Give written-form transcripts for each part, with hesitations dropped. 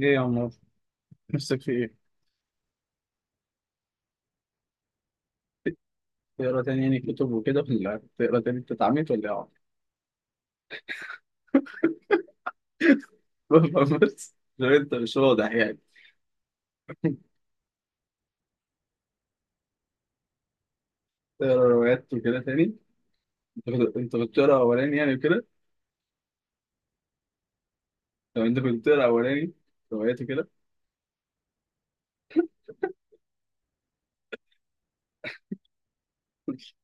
ايه يا عمر، نفسك في ايه؟ تقرا تاني يعني كتب وكده، ولا تقرا تاني انت اتعميت ولا ايه يا عمر؟ بس لو انت مش واضح يعني تقرا روايات وكده تاني. انت كنت بتقرا اولاني يعني وكده. طب انت كنت بتقرا اولاني روايات وكده؟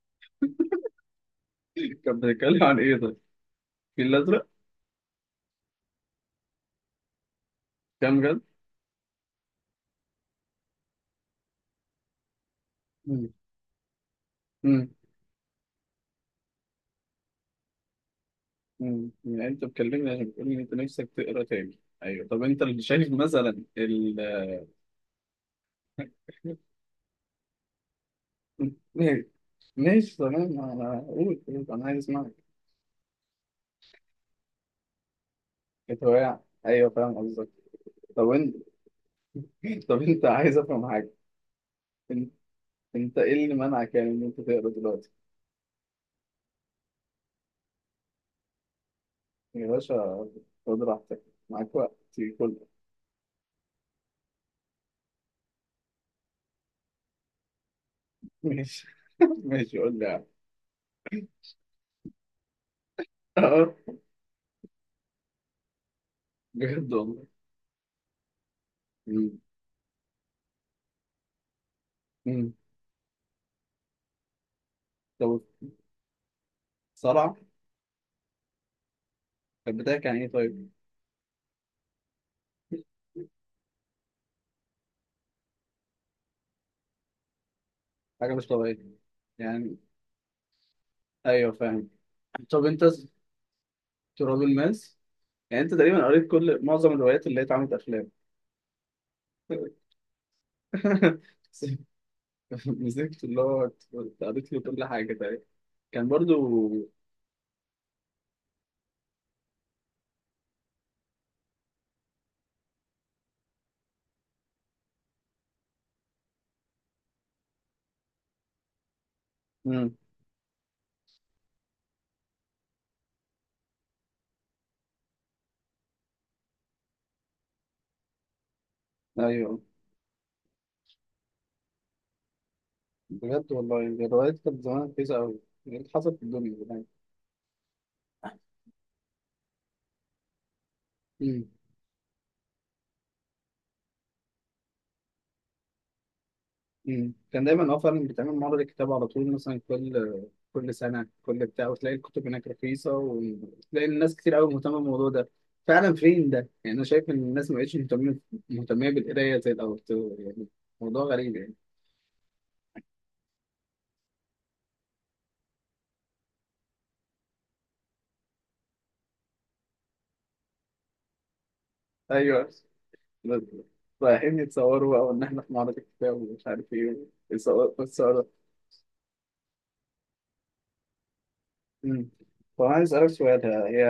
كان بتتكلم عن ايه طيب؟ الفيل الازرق؟ كام جد؟ مم. مم. يعني انت بتكلمني عشان بتقول ان انت نفسك تقرا تاني. ايوه طب انت اللي شايف مثلا ال... ماشي، ماشي تمام، انا قول، انا عايز اسمعك. كانت هواية، ايوه فاهم قصدك. طب طب انت عايز افهم حاجه، انت انت ايه اللي منعك يعني ان انت تقرا دلوقتي؟ يا باشا خد راحتك، معاك وقت كله. ماشي. ماشي قول لي يعني. اه بجد والله. مم. مم. طب صلع، كانت بتاعك يعني ايه طيب؟ حاجه مش طبيعيه يعني، ايوه فاهم. طب انت تراب الماس، يعني انت تقريبا قريت كل معظم الروايات اللي هي اتعملت افلام. مسكت اللي هو، قريت له كل حاجه تقريبا، كان برضو. مم. ايوه بجد والله، الروايات كانت زمان رخيصة أوي، يعني حصلت في الدنيا زمان. مم. كان دايما اه فعلا بتعمل معرض كتاب على طول، مثلا كل سنة كل بتاع، وتلاقي الكتب هناك رخيصة، وتلاقي الناس كتير أوي مهتمة بالموضوع ده فعلا. فين ده؟ يعني أنا شايف إن الناس ما بقتش مهتمية بالقراية زي الأول يعني، موضوع غريب يعني. أيوه، رايحين يتصوروا بقى وإن إحنا في معرض الكتاب ومش عارف إيه. والصور. مم. طب عايز أسألك سؤال، هي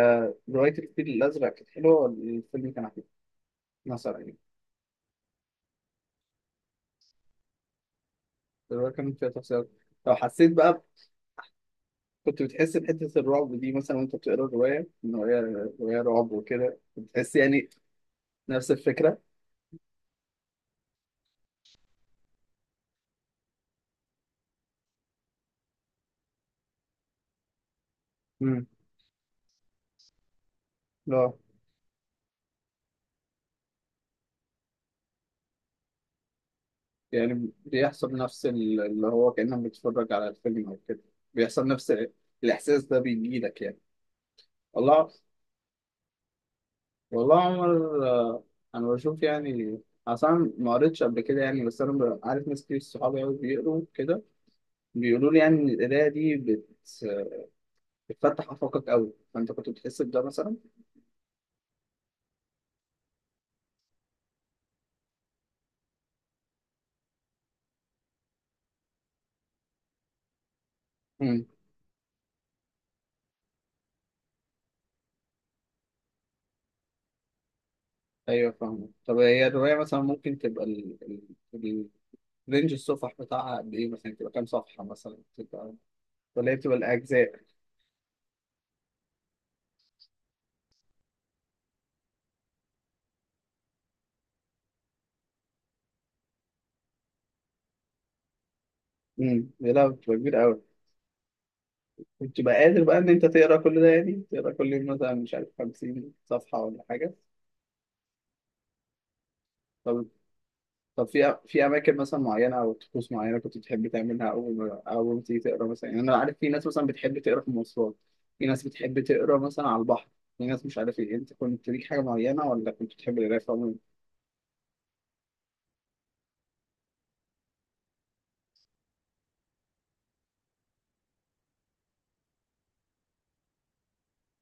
رواية الفيل الأزرق كانت حلوة ولا الفيلم اللي كان حلو؟ مثلا يعني. الرواية كان فيها تفسير. لو حسيت بقى كنت بتحس بحتة الرعب دي مثلا وأنت بتقرا الرواية إن هي رواية رعب وكده، بتحس يعني نفس الفكرة؟ امم لا، يعني بيحصل نفس اللي هو كأنك بتتفرج على الفيلم أو كده؟ بيحصل نفس الإحساس ده بيجيلك يعني؟ الله، والله يا عمر انا بشوف يعني اصلا ما قريتش قبل كده يعني، بس انا عارف ناس كتير صحابي قوي بيقروا كده، بيقولوا لي يعني ان القرايه دي بتفتح افاقك قوي، فانت كنت بتحس بده مثلا؟ امم ايوه فاهم. طب هي الروايه مثلا ممكن تبقى ال... رينج الصفح بتاعها قد ايه مثلا؟ تبقى كام صفحه مثلا؟ تبقى ولا هي بتبقى الاجزاء؟ لا بتبقى كبيره قوي. بتبقى قادر بقى ان انت تقرا كل ده يعني؟ تقرا كل يوم مثلا مش عارف 50 صفحه ولا حاجه؟ طب طب في اماكن مثلا معينه او طقوس معينه كنت بتحب تعملها اول ما تيجي تقرا مثلا؟ يعني انا عارف في ناس مثلا بتحب تقرا في المواصلات، في ناس بتحب تقرا مثلا على البحر، في ناس مش عارف ايه. انت كنت ليك حاجه معينه ولا كنت بتحب القرايه في عموم؟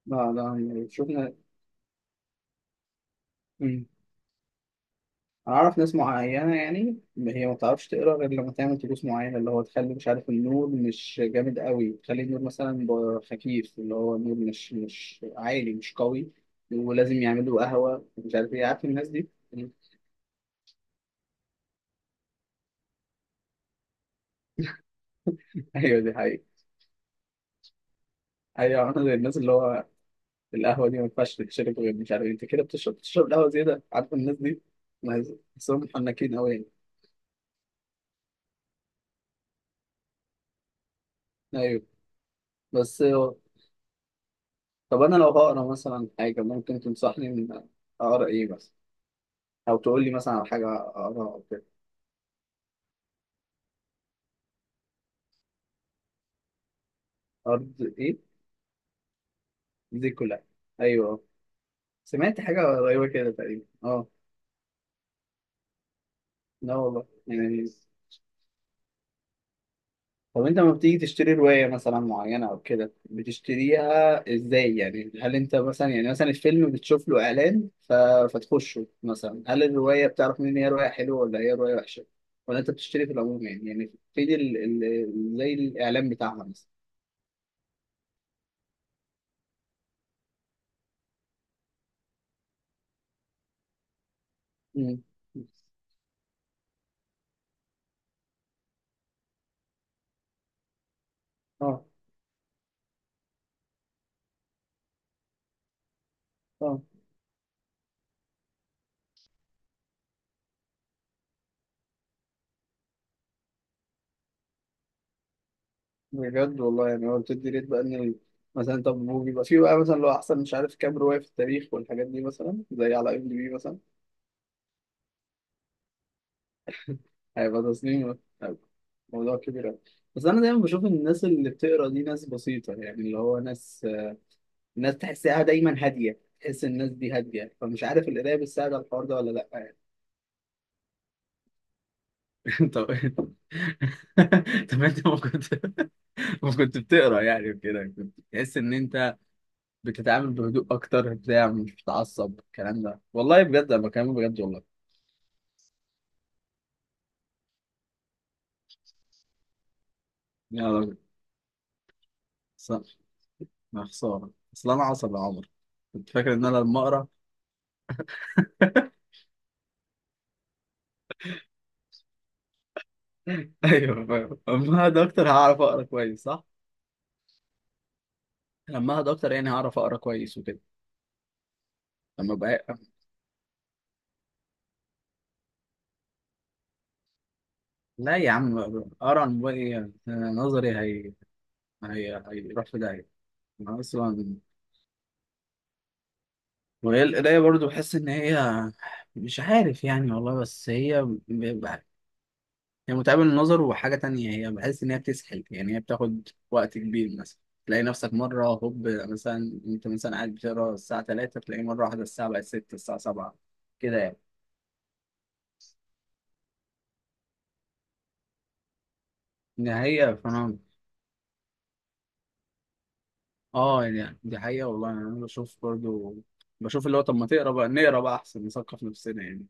لا لا شفنا. مم. انا اعرف ناس معينه يعني هي ما بتعرفش تقرا غير لما تعمل طقوس معينه، اللي هو تخلي مش عارف النور مش جامد قوي، تخلي النور مثلا خفيف، اللي هو النور مش عالي مش قوي، ولازم يعملوا قهوه مش عارف ايه، عارف الناس دي؟ ايوه دي حقيقة. ايوه انا زي الناس اللي هو القهوة دي ما ينفعش تتشرب غير مش عارف إيه. انت كده بتشرب القهوة زيادة، عارف الناس دي؟ ناس بحسهم محنكين قوي يعني. ايوه. بس هو- طب انا لو هقرا مثلا حاجة ممكن تنصحني من اقرا ايه مثلا، او تقول لي مثلا على حاجة اقراها او كده؟ ارض ايه؟ دي كلها؟ ايوه، سمعت حاجة قريبة كده تقريبا، اه. لا والله يعني. طب انت لما بتيجي تشتري رواية مثلا معينة او كده، بتشتريها ازاي يعني؟ هل انت مثلا يعني، مثلا الفيلم بتشوف له اعلان فتخشه مثلا، هل الرواية بتعرف منين هي رواية حلوة ولا هي رواية وحشة؟ ولا انت بتشتري في العموم يعني؟ يعني في زي الاعلان بتاعها مثلا؟ مم. اه. اه بجد والله، يعني هو بتدي ريت بقى ان مثلا؟ طب هو بيبقى في بقى مثلا لو احسن مش عارف كام رواية في التاريخ والحاجات دي، مثلا زي على ام دي بي مثلا؟ هيبقى تصميم، هيبقى موضوع كبير أوي. بس أنا دايما بشوف إن الناس اللي بتقرا دي ناس بسيطة يعني، اللي هو ناس، ناس تحسها دايما هادية، تحس الناس دي هادية. فمش عارف القراية بتساعد على الحوار ده ولا لأ يعني؟ طب طب انت ما كنت بتقرا يعني وكده، كنت تحس ان انت بتتعامل بهدوء اكتر بتاع، مش بتعصب الكلام ده، والله بجد انا بكلمك بجد والله؟ يا راجل، صح. يا خساره اصل انا عصبي يا عمر، كنت فاكر ان انا لما اقرا... ايوه فاهم، اما اقعد اكتر هعرف اقرا كويس، صح؟ لما اقعد اكتر يعني هعرف اقرا كويس وكده. لما ابقى... لا يا عم، اقرا عن موبايل ايه! نظري هي هي هيروح في داهيه. انا اصلا وهي القرايه برضو بحس ان هي مش عارف يعني، والله بس هي... بيبقى- هي متعبه للنظر، وحاجه تانية هي بحس ان هي بتسحل يعني، هي بتاخد وقت كبير مثلا، تلاقي نفسك مرة هوب مثلا انت مثلا قاعد بتقرا الساعة 3، تلاقي مرة واحدة الساعة بقت 6 الساعة 7، كده يعني. دي حقيقة فأنا... آه يعني دي حقيقة والله يعني، أنا بشوف برضو، بشوف اللي هو طب ما تقرا بقى، نقرا بقى أحسن، نثقف نفسنا يعني.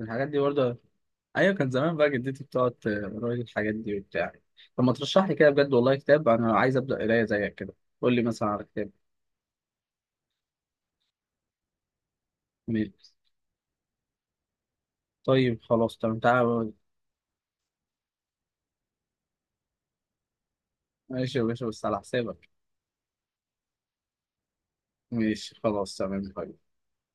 الحاجات دي برضه، أيوة، كان زمان بقى جدتي بتقعد تقرا لي الحاجات دي وبتاع. طب ما ترشح لي كده بجد والله كتاب، أنا عايز أبدأ قراية زيك كده، قول لي مثلا على كتاب. ماشي، طيب خلاص تمام تعالى. ماشي يا باشا بس على حسابك. ماشي خلاص تمام طيب.